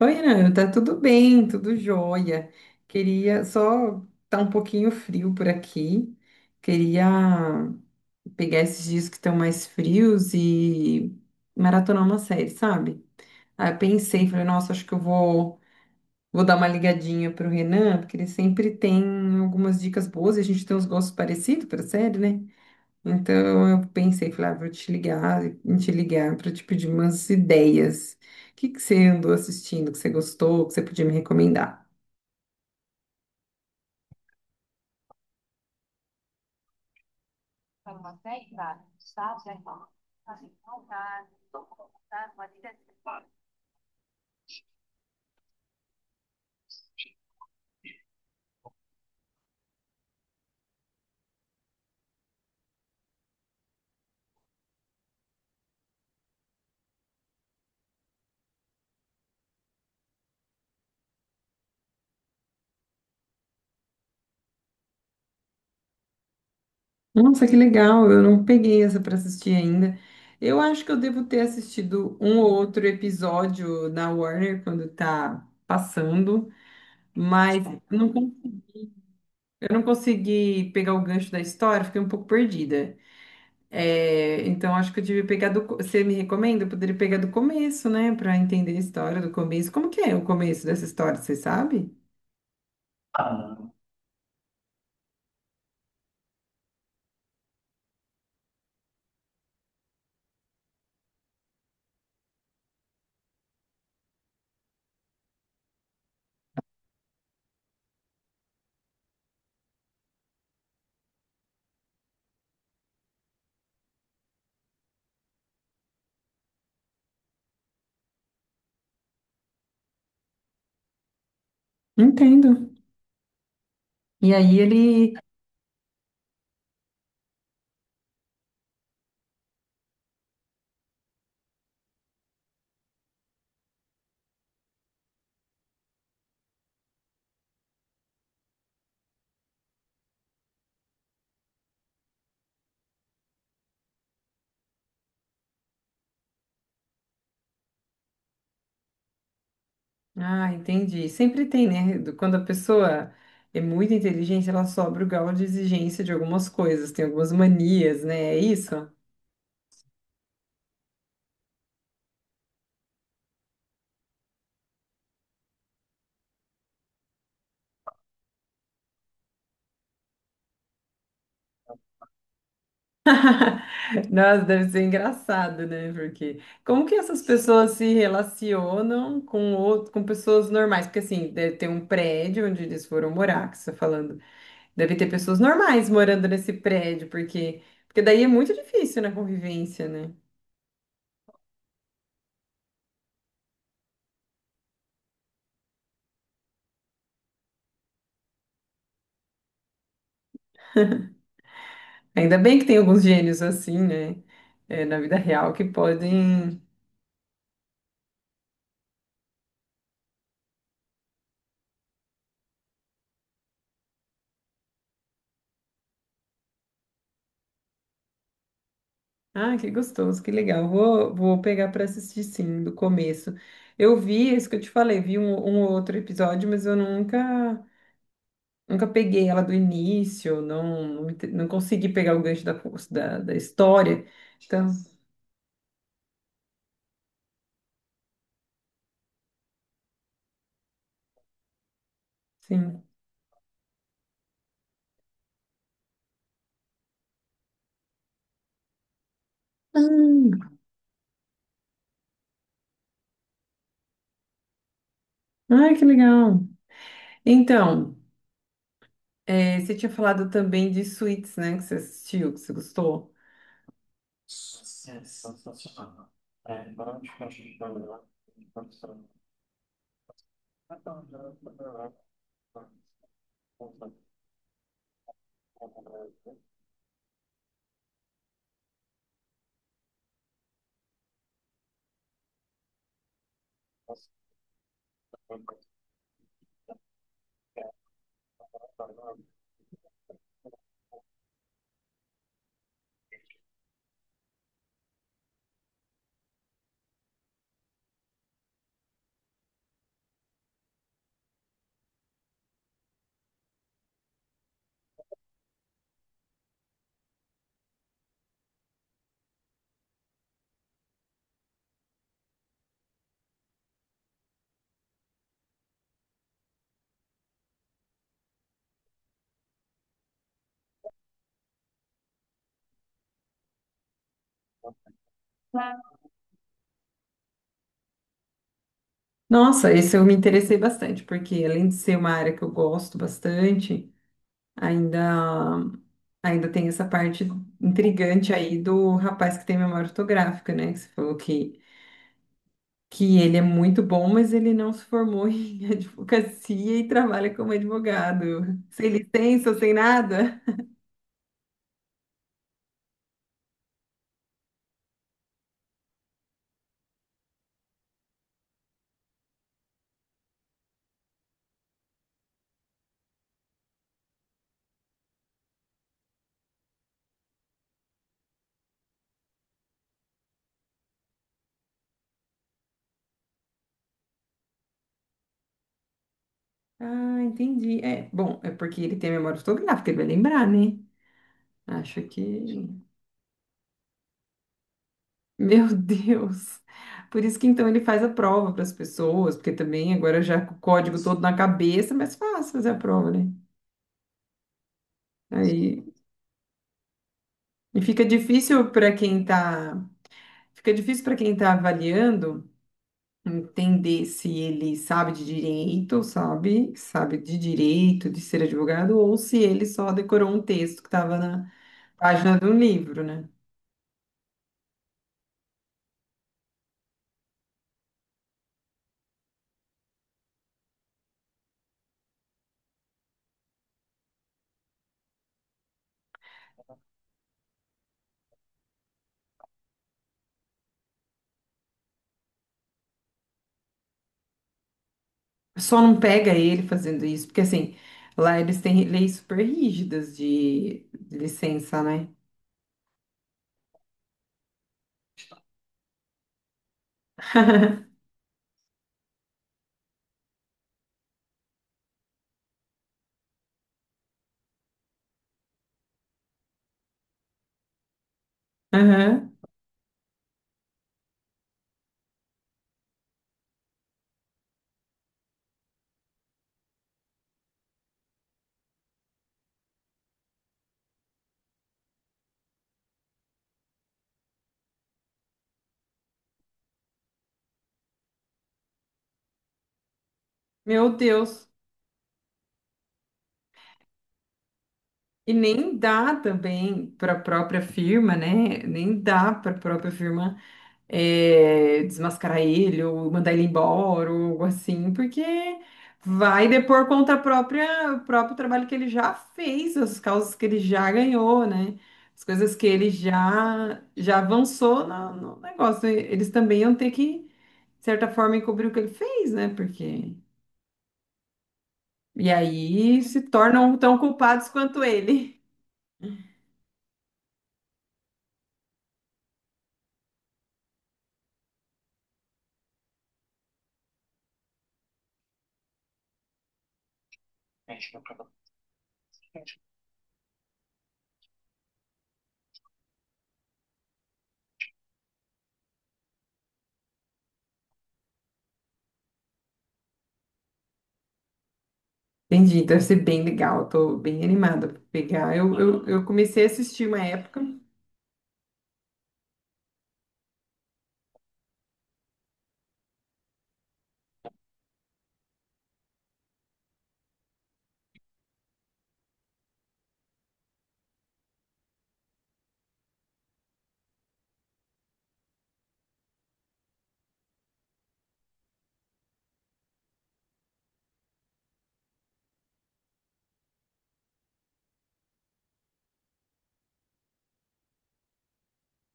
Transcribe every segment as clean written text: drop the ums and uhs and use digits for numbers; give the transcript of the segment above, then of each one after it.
Oi, Ana, tá tudo bem, tudo jóia. Queria só tá um pouquinho frio por aqui. Queria pegar esses dias que estão mais frios e maratonar uma série, sabe? Aí eu pensei, falei, nossa, acho que eu vou dar uma ligadinha pro Renan, porque ele sempre tem algumas dicas boas e a gente tem uns gostos parecidos pra série, né? Então eu pensei, falei, ah, vou te ligar para te pedir umas ideias. O que que você andou assistindo, que você gostou, que você podia me recomendar? Nossa, que legal, eu não peguei essa para assistir ainda. Eu acho que eu devo ter assistido um ou outro episódio na Warner quando tá passando, mas não con- eu não consegui pegar o gancho da história, fiquei um pouco perdida. É, então acho que eu tive que Você me recomenda? Eu poderia pegar do começo, né? Pra entender a história do começo. Como que é o começo dessa história, você sabe? Entendo. E aí ele. Ah, entendi. Sempre tem, né? Quando a pessoa é muito inteligente, ela sobe o grau de exigência de algumas coisas, tem algumas manias, né? É isso? Nossa, deve ser engraçado, né? Porque como que essas pessoas se relacionam com outro, com pessoas normais? Porque assim, deve ter um prédio onde eles foram morar, que você está falando. Deve ter pessoas normais morando nesse prédio, porque daí é muito difícil na convivência, né? Ainda bem que tem alguns gênios assim, né? É, na vida real que podem. Ah, que gostoso, que legal. Vou pegar para assistir sim, do começo. Eu vi, é isso que eu te falei, vi um ou outro episódio, mas eu nunca peguei ela do início, não, não, não consegui pegar o gancho da história. Então, sim. Ah, Ai, que legal. Então. É, você tinha falado também de Suits, né? Que você assistiu, que você gostou. Nossa, esse eu me interessei bastante, porque além de ser uma área que eu gosto bastante, ainda, ainda tem essa parte intrigante aí do rapaz que tem memória fotográfica, né? Que você falou que ele é muito bom, mas ele não se formou em advocacia e trabalha como advogado. Sem licença, sem nada. Ah, entendi. É, bom, é porque ele tem memória fotográfica, ele vai lembrar, né? Acho que. Meu Deus! Por isso que então ele faz a prova para as pessoas, porque também agora já com o código todo na cabeça, é mais fácil fazer a prova, né? Aí e fica difícil para quem tá, fica difícil para quem tá avaliando entender se ele sabe de direito, sabe, sabe de direito, de ser advogado, ou se ele só decorou um texto que estava na página de um livro, né? Só não pega ele fazendo isso, porque assim, lá eles têm leis super rígidas de licença, né? Aham. Meu Deus. E nem dá também para a própria firma, né? Nem dá para a própria firma desmascarar ele ou mandar ele embora ou algo assim, porque vai depor contra a própria, o próprio trabalho que ele já fez, as causas que ele já ganhou, né? As coisas que ele já avançou no negócio. E Eles também iam ter que, de certa forma, encobrir o que ele fez, né? Porque. E aí se tornam tão culpados quanto ele. Entendi, então deve ser bem legal, tô bem animada pra pegar. Eu comecei a assistir uma época,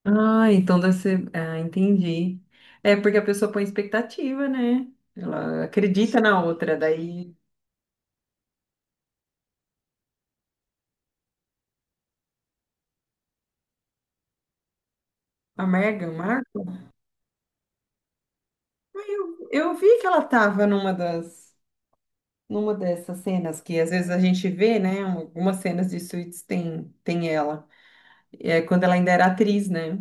Ah, então deve ser. Ah, entendi. É porque a pessoa põe expectativa, né? Ela acredita na outra, daí a Meghan Markle. Eu vi que ela tava numa das. Numa dessas cenas que às vezes a gente vê, né? Algumas cenas de Suits tem, tem ela. É quando ela ainda era atriz, né?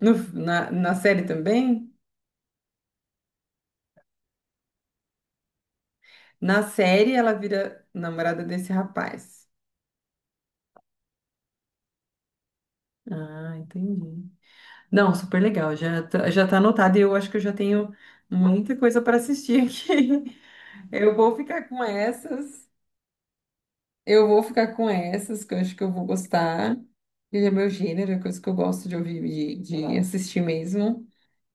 Na série também? Na série ela vira namorada desse rapaz. Ah, entendi. Não, super legal. Já tá anotado e eu acho que eu já tenho muita coisa para assistir aqui. Eu vou ficar com essas. Eu vou ficar com essas, que eu acho que eu vou gostar. Ele é meu gênero, é coisa que eu gosto de ouvir, de assistir mesmo.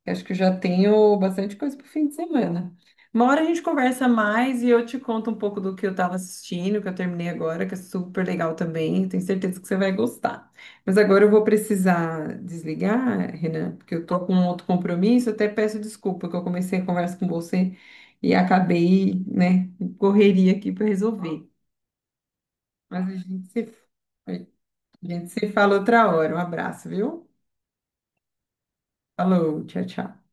Eu acho que eu já tenho bastante coisa para o fim de semana. Uma hora a gente conversa mais e eu te conto um pouco do que eu estava assistindo, que eu terminei agora, que é super legal também. Tenho certeza que você vai gostar. Mas agora eu vou precisar desligar, Renan, porque eu tô com um outro compromisso. Até peço desculpa que eu comecei a conversa com você e acabei, né, em correria aqui para resolver. Mas a gente se fala outra hora. Um abraço, viu? Falou, tchau, tchau.